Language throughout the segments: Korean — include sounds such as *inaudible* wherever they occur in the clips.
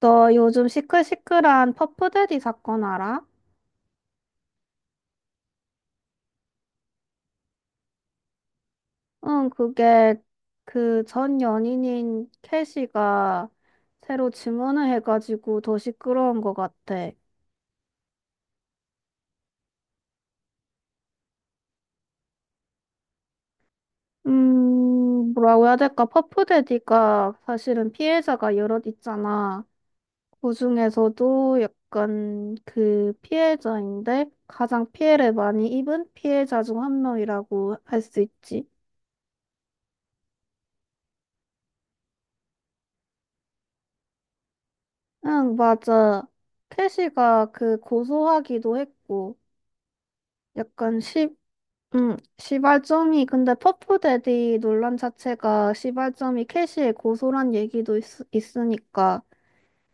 너 요즘 시끌시끌한 퍼프데디 사건 알아? 응, 그게 그 전 연인인 캐시가 새로 증언을 해가지고 더 시끄러운 것 같아. 뭐라고 해야 될까? 퍼프데디가 사실은 피해자가 여럿 있잖아. 그 중에서도 약간 그 피해자인데 가장 피해를 많이 입은 피해자 중 한 명이라고 할 수 있지. 응, 맞아. 캐시가 그 고소하기도 했고, 약간 시, 시발점이, 근데 퍼프데디 논란 자체가 시발점이 캐시의 고소란 있으니까,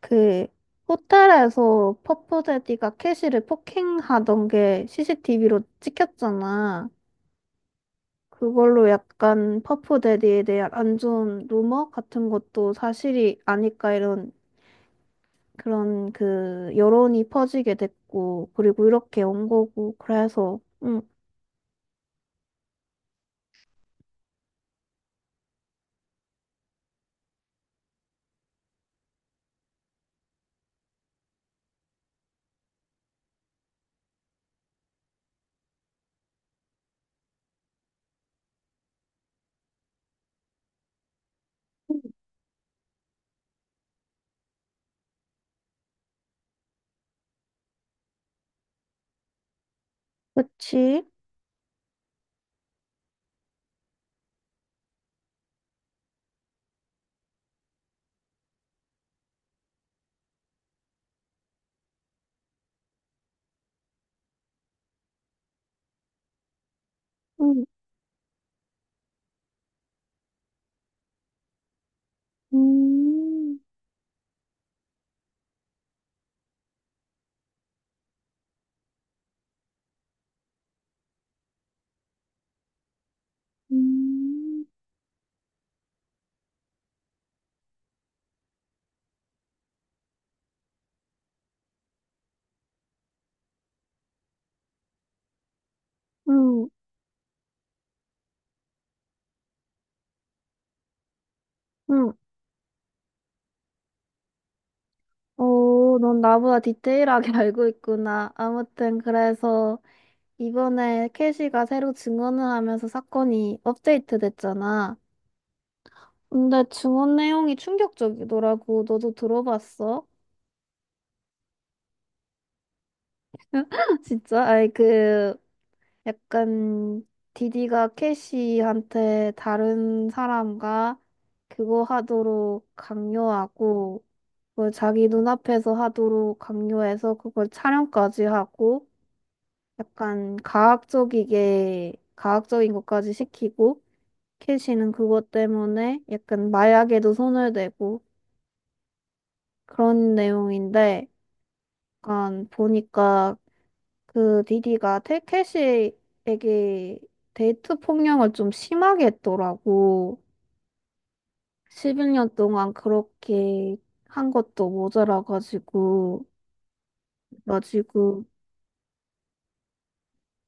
그, 호텔에서 퍼프데디가 캐시를 폭행하던 게 CCTV로 찍혔잖아. 그걸로 약간 퍼프데디에 대한 안 좋은 루머 같은 것도 사실이 아닐까 이런 그런 그 여론이 퍼지게 됐고, 그리고 이렇게 온 거고, 그래서, 응, 그치? 응, 음, 음. 응, 응. 오, 넌 나보다 디테일하게 *laughs* 알고 있구나. 아무튼, 그래서, 이번에 캐시가 새로 증언을 하면서 사건이 업데이트 됐잖아. 근데 증언 내용이 충격적이더라고. 너도 들어봤어? *laughs* 진짜? 아이, 그, 약간 디디가 캐시한테 다른 사람과 그거 하도록 강요하고 그걸 자기 눈앞에서 하도록 강요해서 그걸 촬영까지 하고 약간 과학적이게 과학적인 것까지 시키고 캐시는 그것 때문에 약간 마약에도 손을 대고 그런 내용인데 약간 보니까 그 디디가 텔시에게 데이트 폭력을 좀 심하게 했더라고. 11년 동안 그렇게 한 것도 모자라가지고, 나 지금,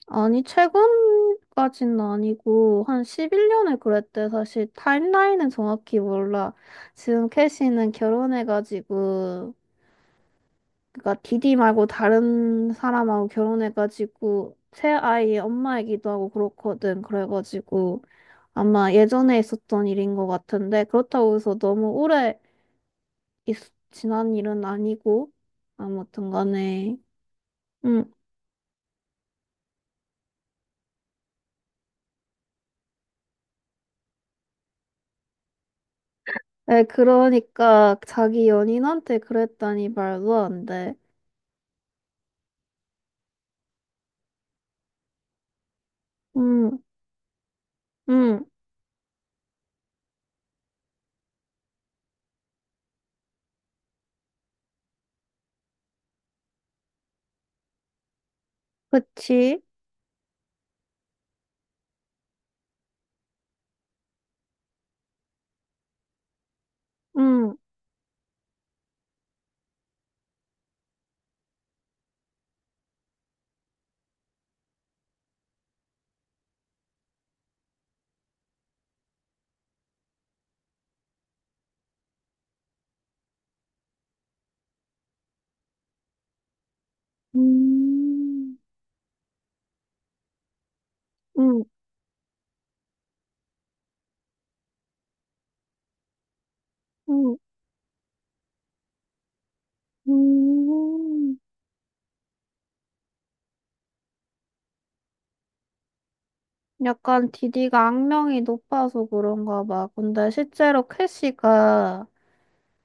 아니, 최근까지는 아니고, 한 11년을 그랬대. 사실 타임라인은 정확히 몰라. 지금 캐시는 결혼해가지고, 그러니까 디디 말고 다른 사람하고 결혼해가지고 새 아이의 엄마이기도 하고 그렇거든. 그래가지고 아마 예전에 있었던 일인 것 같은데 그렇다고 해서 있, 지난 일은 아니고 아무튼 간에 응. 에 그러니까 자기 연인한테 그랬다니 말도 안 돼. 응 응 그치? 응 음, 음, 음, 음. 약간 디디가 악명이 높아서 그런가 봐. 근데 실제로 캐시가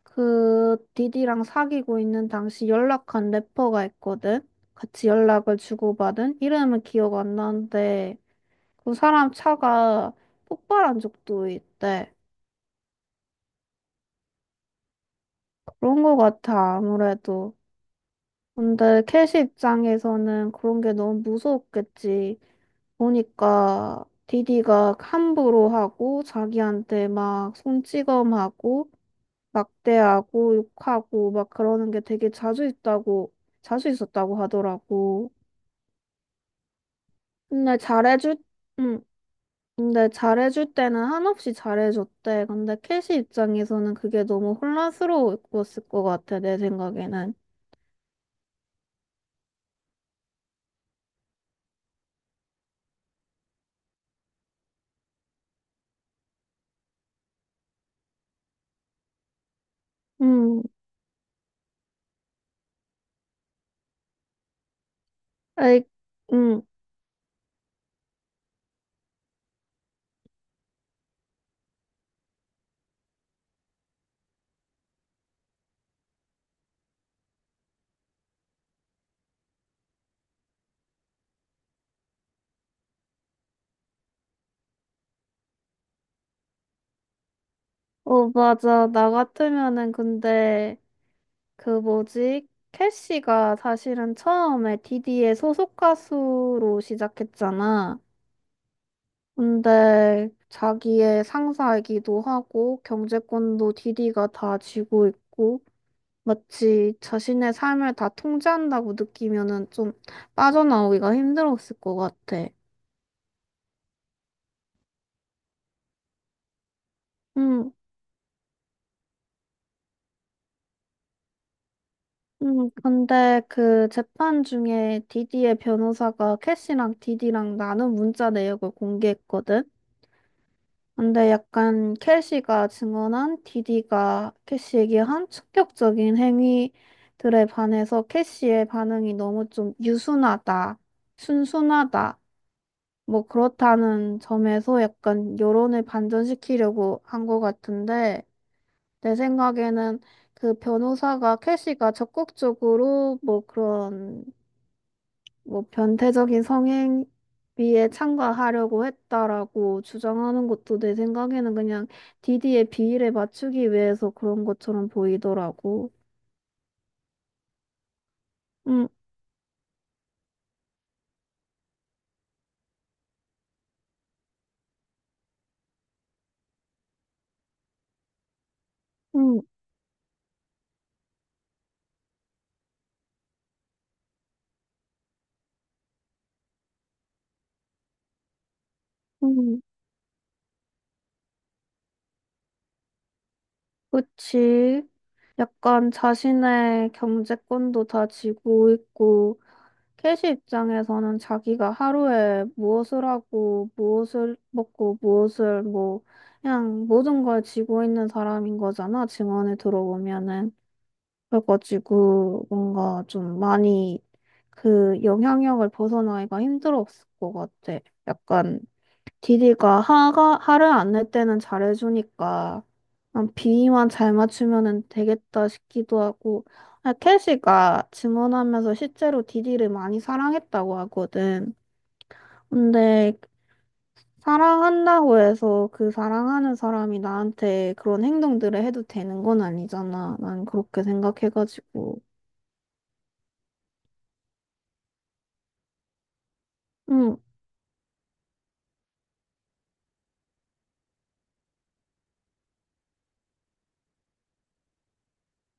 그 디디랑 사귀고 있는 당시 연락한 래퍼가 있거든? 같이 연락을 주고받은? 이름은 기억 안 나는데 그 사람 차가 폭발한 적도 있대. 그런 거 같아, 아무래도. 근데 캐시 입장에서는 그런 게 너무 무서웠겠지. 보니까 디디가 함부로 하고 자기한테 막 손찌검하고 막대하고 욕하고 막 그러는 게 되게 자주 있었다고 하더라고. 근데 잘해줄 응. 근데 잘해줄 때는 한없이 잘해줬대. 근데 캐시 입장에서는 그게 너무 혼란스러웠을 것 같아, 내 생각에는. 응. 에이, 음. 어, 맞아. 나 같으면은 근데 그 뭐지? 캐시가 사실은 처음에 디디의 소속 가수로 시작했잖아. 근데 자기의 상사이기도 하고 경제권도 디디가 다 쥐고 있고 마치 자신의 삶을 다 통제한다고 느끼면은 좀 빠져나오기가 힘들었을 것 같아. 음, 근데 그 재판 중에 디디의 변호사가 캐시랑 디디랑 나눈 문자 내역을 공개했거든? 근데 약간 캐시가 증언한 디디가 캐시에게 한 충격적인 행위들에 반해서 캐시의 반응이 너무 좀 유순하다, 순순하다, 뭐 그렇다는 점에서 약간 여론을 반전시키려고 한 것 같은데, 내 생각에는 그 변호사가 캐시가 적극적으로 뭐 그런 뭐 변태적인 성행위에 참가하려고 했다라고 주장하는 것도 내 생각에는 그냥 디디의 비위를 맞추기 위해서 그런 것처럼 보이더라고. 응, 응, 응. 그치. 약간 자신의 경제권도 다 쥐고 있고, 캐시 입장에서는 자기가 하루에 무엇을 하고, 무엇을 먹고, 무엇을 뭐, 그냥 모든 걸 쥐고 있는 사람인 거잖아, 증언에 들어보면은. 그래가지고 뭔가 좀 많이 그 영향력을 벗어나기가 힘들었을 것 같아. 약간 디디가 화가 화를 안 낼 때는 잘해주니까 그냥 비위만 잘 맞추면은 되겠다 싶기도 하고 아, 캐시가 증언하면서 실제로 디디를 많이 사랑했다고 하거든. 근데 사랑한다고 해서 그 사랑하는 사람이 나한테 그런 행동들을 해도 되는 건 아니잖아. 난 그렇게 생각해가지고. 응.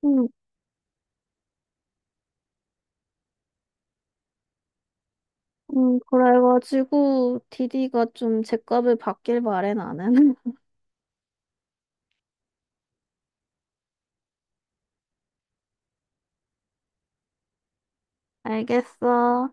음, 그래가지고 디디가 좀 제값을 받길 바래 나는. *laughs* 알겠어.